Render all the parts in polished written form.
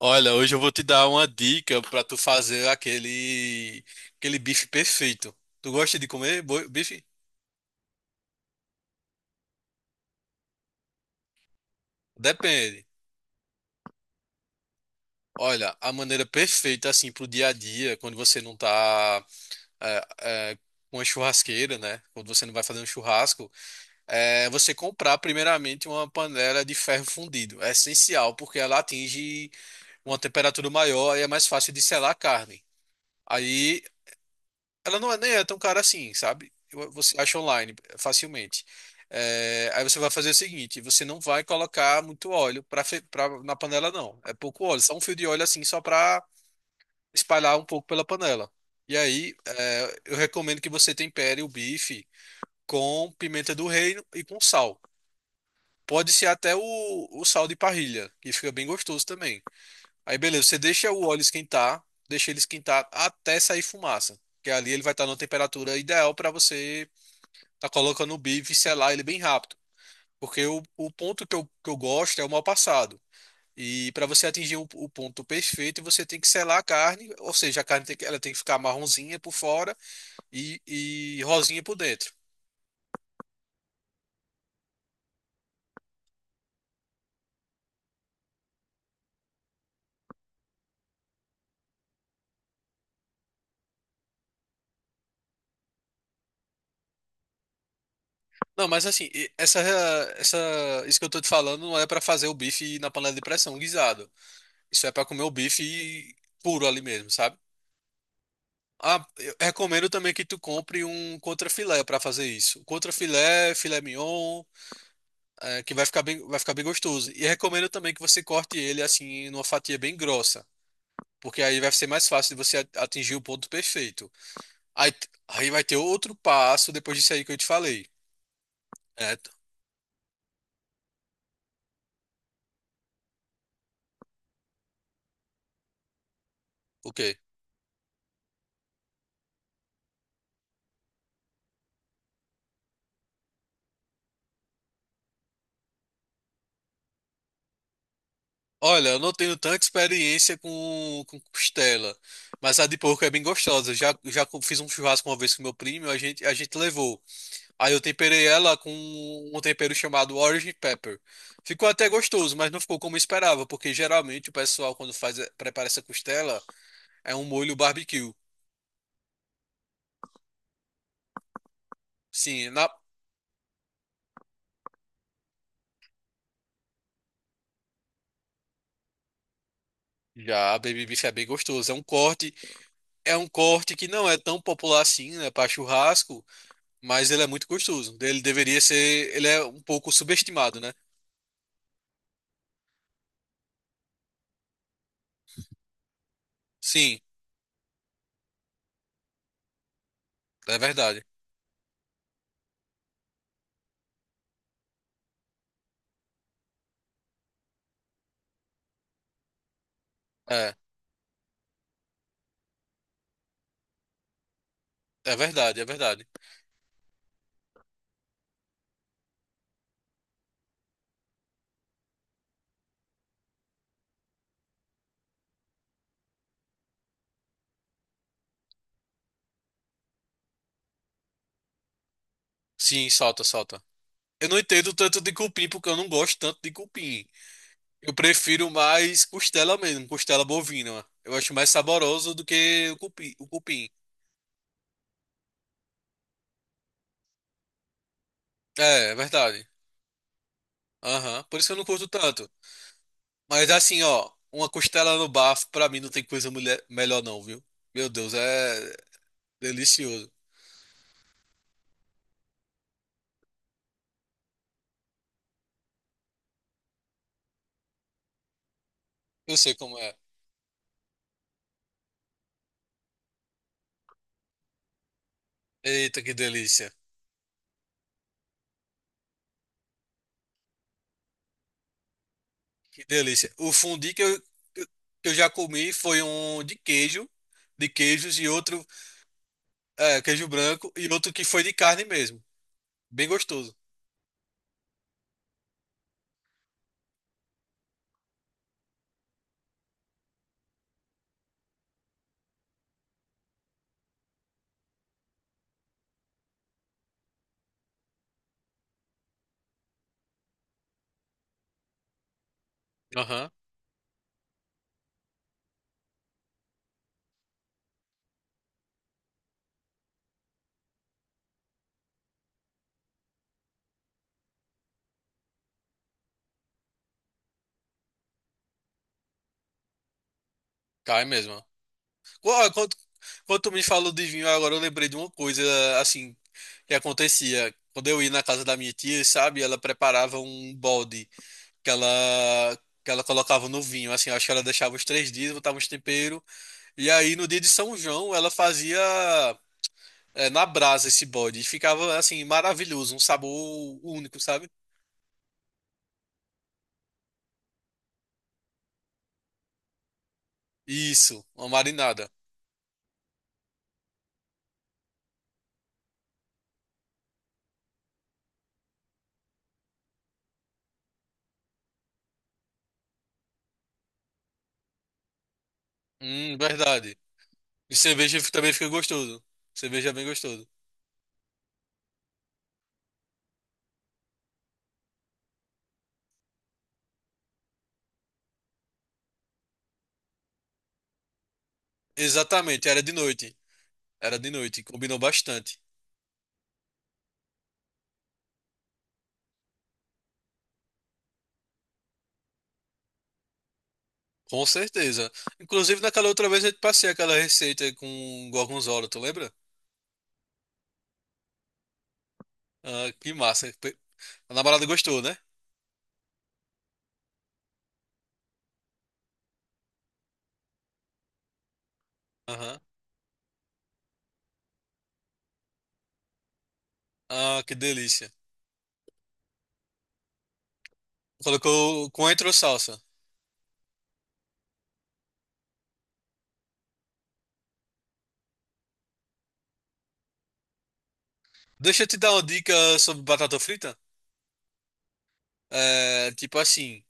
Olha, hoje eu vou te dar uma dica para tu fazer aquele bife perfeito. Tu gosta de comer bife? Depende. Olha, a maneira perfeita assim pro dia a dia, quando você não tá é, é, com uma churrasqueira, né? Quando você não vai fazer um churrasco, é você comprar primeiramente uma panela de ferro fundido. É essencial porque ela atinge uma temperatura maior e é mais fácil de selar a carne. Aí Ela não é nem é tão cara assim, sabe? Você acha online facilmente. Aí você vai fazer o seguinte, você não vai colocar muito óleo pra, na panela, não. É pouco óleo, só um fio de óleo assim, só pra espalhar um pouco pela panela. E aí, eu recomendo que você tempere o bife com pimenta do reino e com sal. Pode ser até o sal de parrilha, que fica bem gostoso também. Aí, beleza, você deixa o óleo esquentar, deixa ele esquentar até sair fumaça. Que ali ele vai estar numa temperatura ideal para você tá colocando o bife e selar ele bem rápido. Porque o ponto que que eu gosto é o mal passado. E para você atingir o ponto perfeito, você tem que selar a carne, ou seja, a carne tem que, ela tem que ficar marronzinha por fora e rosinha por dentro. Não, mas assim, essa, isso que eu tô te falando não é para fazer o bife na panela de pressão guisado. Isso é para comer o bife puro ali mesmo, sabe? Ah, eu recomendo também que tu compre um contrafilé para fazer isso. Contrafilé, filé mignon, é, que vai ficar bem gostoso. E recomendo também que você corte ele assim numa fatia bem grossa, porque aí vai ser mais fácil de você atingir o ponto perfeito. Aí, aí vai ter outro passo depois disso aí que eu te falei. É, o quê? Olha, eu não tenho tanta experiência com costela, mas a de porco é bem gostosa. Já, fiz um churrasco uma vez com meu primo, a gente levou. Aí eu temperei ela com um tempero chamado Orange Pepper. Ficou até gostoso, mas não ficou como eu esperava, porque geralmente o pessoal, quando faz, prepara essa costela, é um molho barbecue. Sim, já a baby beef é bem gostoso. É um corte que não é tão popular assim, né, para churrasco, mas ele é muito gostoso. Ele deveria ser, ele é um pouco subestimado, né? Sim, é verdade. É, é verdade, é verdade. Sim, salta, salta. Eu não entendo tanto de cupim, porque eu não gosto tanto de cupim. Eu prefiro mais costela mesmo, costela bovina. Eu acho mais saboroso do que o o cupim. É, é verdade. Aham, por isso que eu não curto tanto. Mas assim, ó, uma costela no bafo, pra mim não tem coisa melhor não, viu? Meu Deus, é delicioso. Eu sei como é. Eita, que delícia, que delícia. O fundi que que eu já comi foi um de queijo, de queijos e outro, é, queijo branco e outro que foi de carne mesmo. Bem gostoso. Aham, cai mesmo. Ó, quando tu me falou de vinho, agora eu lembrei de uma coisa, assim, que acontecia. Quando eu ia na casa da minha tia, sabe, ela preparava um balde que ela, que ela colocava no vinho, assim, acho que ela deixava os 3 dias, botava uns temperos, e aí no dia de São João ela fazia na brasa esse balde, e ficava, assim, maravilhoso, um sabor único, sabe? Isso, uma marinada. Verdade. E cerveja também fica gostoso. Cerveja é bem gostoso. Exatamente, era de noite. Era de noite, combinou bastante. Com certeza. Inclusive, naquela outra vez eu te passei aquela receita com gorgonzola, tu lembra? Ah, que massa. A namorada gostou, né? Aham. Ah, que delícia. Colocou coentro ou salsa. Deixa eu te dar uma dica sobre batata frita. É, tipo assim,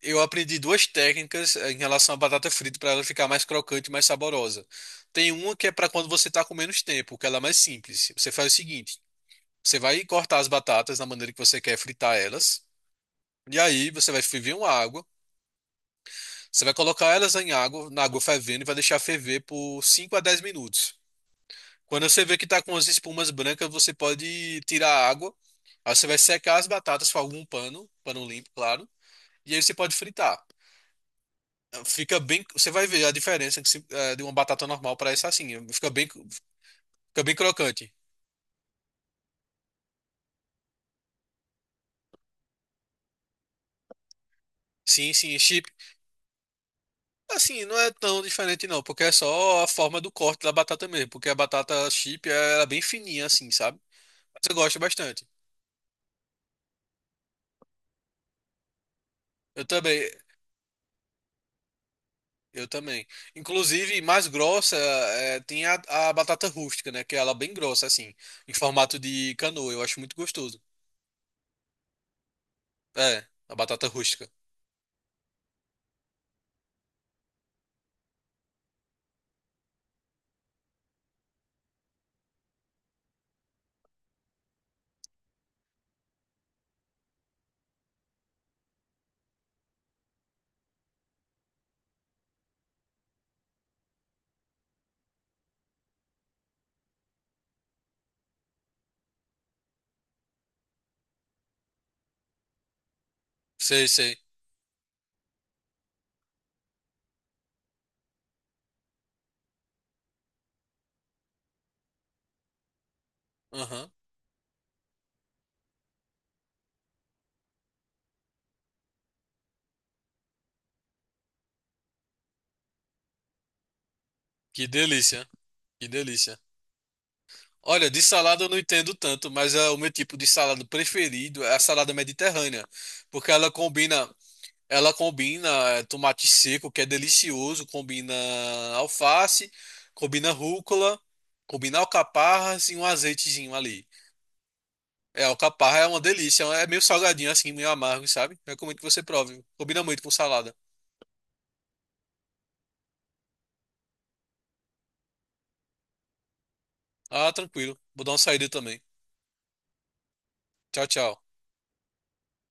eu aprendi duas técnicas em relação à batata frita para ela ficar mais crocante e mais saborosa. Tem uma que é para quando você tá com menos tempo, que ela é mais simples. Você faz o seguinte: você vai cortar as batatas na maneira que você quer fritar elas. E aí você vai ferver uma água, você vai colocar elas em água, na água fervendo e vai deixar ferver por 5 a 10 minutos. Quando você vê que tá com as espumas brancas, você pode tirar a água. Aí você vai secar as batatas com algum pano, pano limpo, claro. E aí você pode fritar. Fica bem, você vai ver a diferença que de uma batata normal para essa assim, fica bem crocante. Sim, sim, chip. Assim, não é tão diferente não, porque é só a forma do corte da batata mesmo, porque a batata chip ela é bem fininha assim, sabe? Mas eu gosto bastante. Eu também, eu também. Inclusive, mais grossa é, tem a batata rústica, né? Que ela é bem grossa, assim, em formato de canoa. Eu acho muito gostoso. É, a batata rústica. Sei, sei. Aham. Que delícia, que delícia. Olha, de salada eu não entendo tanto, mas é o meu tipo de salada preferido é a salada mediterrânea, porque ela combina. Ela combina é, tomate seco, que é delicioso, combina alface, combina rúcula, combina alcaparras e um azeitezinho ali. É, alcaparra é uma delícia, é meio salgadinho assim, meio amargo, sabe? Recomendo que você prove. Combina muito com salada. Ah, tranquilo. Vou dar uma saída também. Tchau, tchau.